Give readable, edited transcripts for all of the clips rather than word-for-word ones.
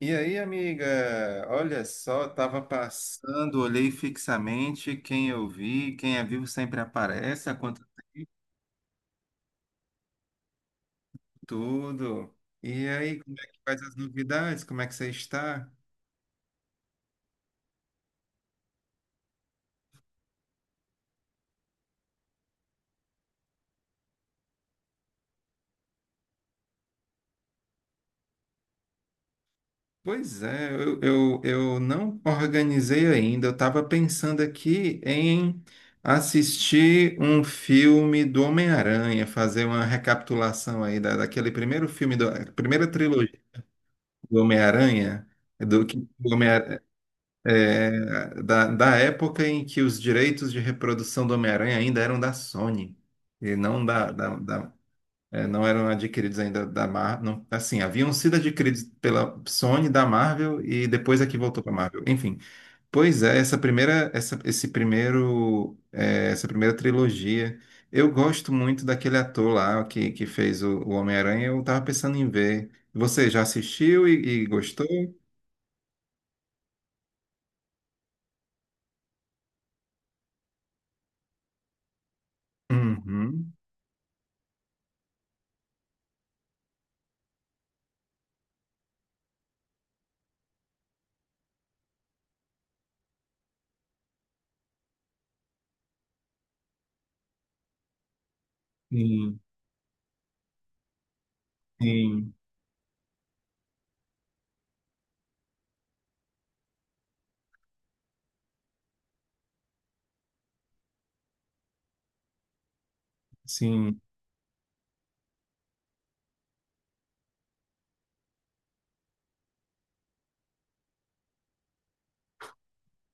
E aí, amiga? Olha só, tava passando, olhei fixamente quem eu vi, quem é vivo sempre aparece, acontece tudo. E aí, como é que faz as novidades? Como é que você está? Pois é, eu não organizei ainda. Eu estava pensando aqui em assistir um filme do Homem-Aranha, fazer uma recapitulação aí daquele primeiro filme, da primeira trilogia do Homem-Aranha, do que o Homem-Aranha é, da época em que os direitos de reprodução do Homem-Aranha ainda eram da Sony e não não eram adquiridos ainda da Marvel. Assim, haviam sido adquiridos pela Sony, da Marvel e depois é que voltou para Marvel. Enfim, pois é, essa primeira, essa, esse primeiro, é, essa primeira trilogia. Eu gosto muito daquele ator lá que fez o Homem-Aranha. Eu tava pensando em ver. Você já assistiu e gostou? Uhum. Sim, sim. Sim.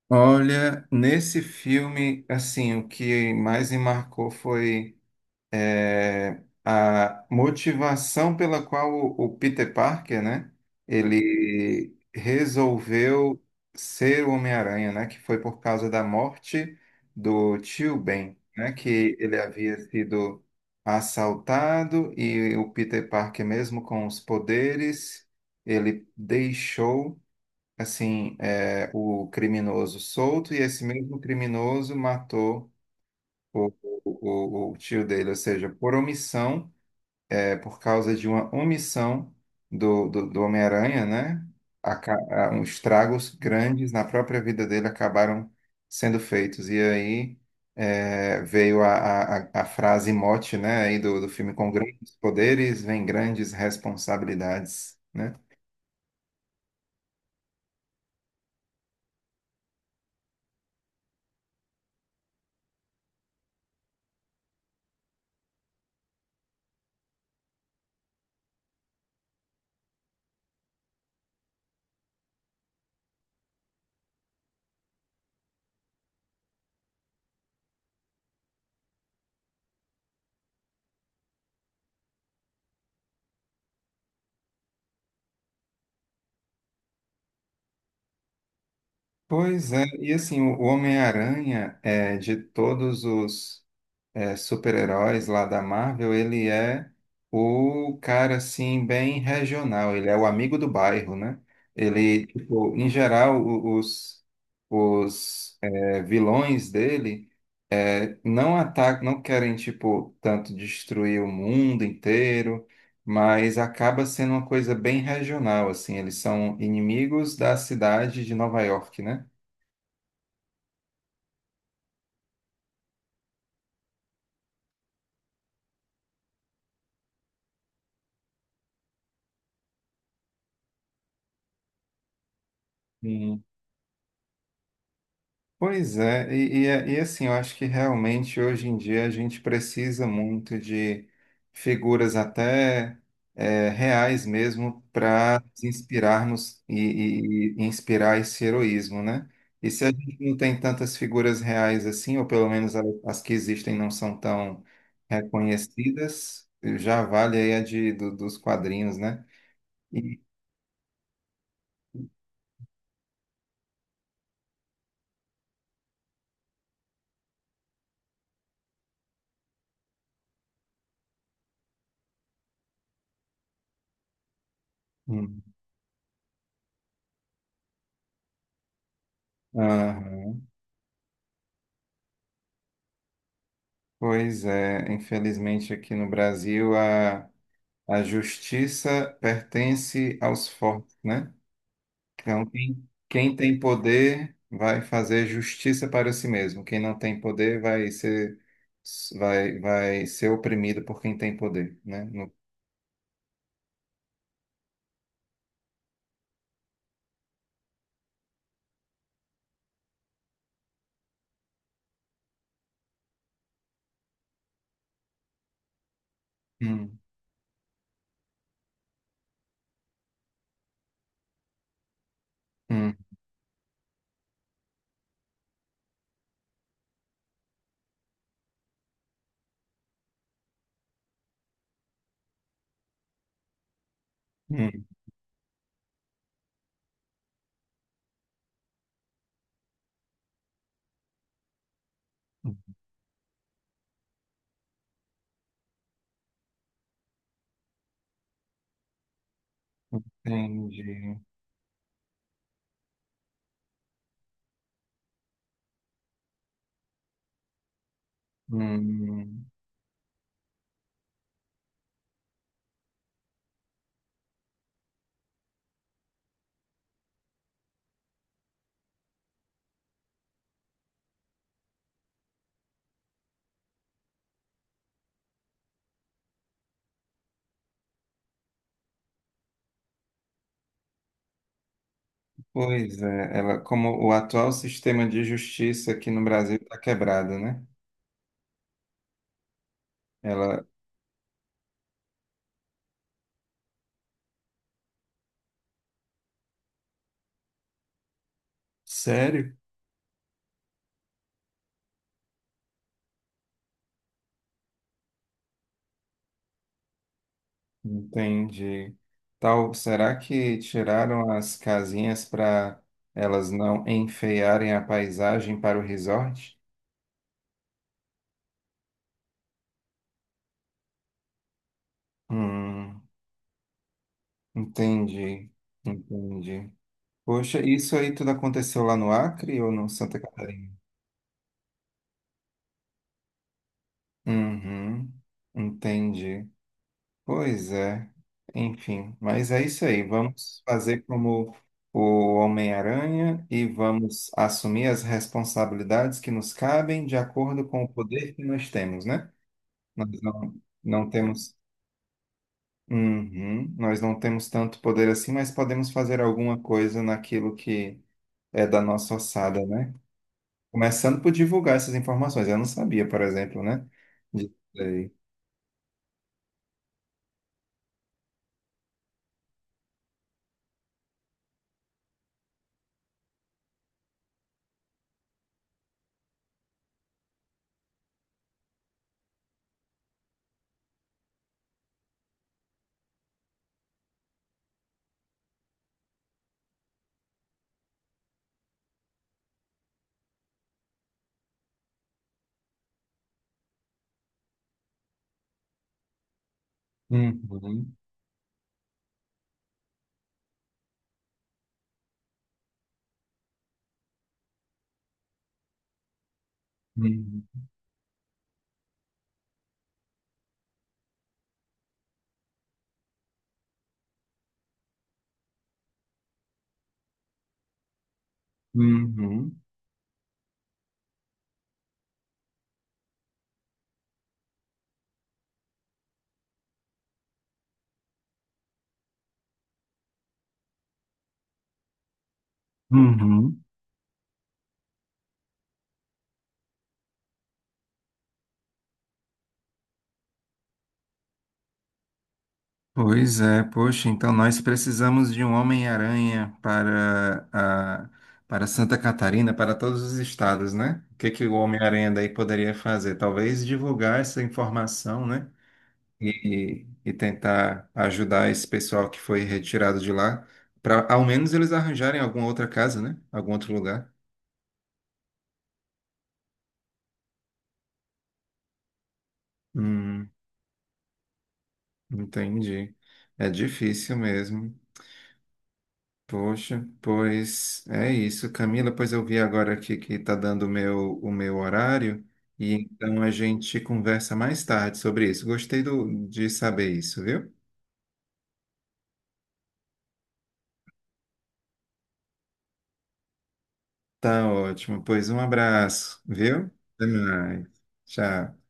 Olha, nesse filme, assim, o que mais me marcou foi a motivação pela qual o Peter Parker, né, ele resolveu ser o Homem-Aranha, né, que foi por causa da morte do tio Ben, né, que ele havia sido assaltado e o Peter Parker, mesmo com os poderes, ele deixou assim, é, o criminoso solto e esse mesmo criminoso matou o, o tio dele, ou seja, por omissão, é, por causa de uma omissão do Homem-Aranha, né? Uns estragos grandes na própria vida dele acabaram sendo feitos. E aí é, veio a frase mote, né, aí do filme, com grandes poderes vem grandes responsabilidades, né? Pois é, e assim, o Homem-Aranha, é, de todos os super-heróis lá da Marvel, ele é o cara, assim, bem regional, ele é o amigo do bairro, né? Ele, tipo, em geral, os, vilões dele não atacam, não querem, tipo, tanto destruir o mundo inteiro, mas acaba sendo uma coisa bem regional, assim, eles são inimigos da cidade de Nova York, né? Sim. Pois é, e assim, eu acho que realmente hoje em dia a gente precisa muito de figuras até reais mesmo para inspirarmos e inspirar esse heroísmo, né? E se a gente não tem tantas figuras reais assim, ou pelo menos as que existem não são tão reconhecidas, já vale aí a dos quadrinhos, né? E- Hum. Aham. Pois é, infelizmente aqui no Brasil a justiça pertence aos fortes, né? Então, quem tem poder vai fazer justiça para si mesmo. Quem não tem poder vai ser, vai ser oprimido por quem tem poder, né? No- Hum, hum, hum. Entendi. Hum. Pois é, ela, como o atual sistema de justiça aqui no Brasil está quebrado, né? Ela, sério? Entendi. Tal, será que tiraram as casinhas para elas não enfeiarem a paisagem para o resort? Hum, entendi, entendi. Poxa, isso aí tudo aconteceu lá no Acre ou no Santa Catarina? Uhum, entendi. Pois é, enfim, mas é isso aí. Vamos fazer como o Homem-Aranha e vamos assumir as responsabilidades que nos cabem de acordo com o poder que nós temos, né? Nós não, não temos, Uhum, nós não temos tanto poder assim, mas podemos fazer alguma coisa naquilo que é da nossa ossada, né? Começando por divulgar essas informações. Eu não sabia, por exemplo, né? Disso aí. Uhum, uhum, uhum, uhum. Pois é, poxa, então nós precisamos de um Homem-Aranha para para Santa Catarina, para todos os estados, né? O que que o Homem-Aranha daí poderia fazer? Talvez divulgar essa informação, né? E tentar ajudar esse pessoal que foi retirado de lá, para ao menos eles arranjarem alguma outra casa, né? Algum outro lugar. Hum, entendi. É difícil mesmo. Poxa, pois é isso, Camila. Pois eu vi agora aqui que está dando o meu horário, e então a gente conversa mais tarde sobre isso. Gostei de saber isso, viu? Tá ótimo. Pois um abraço, viu? Até mais. Tchau.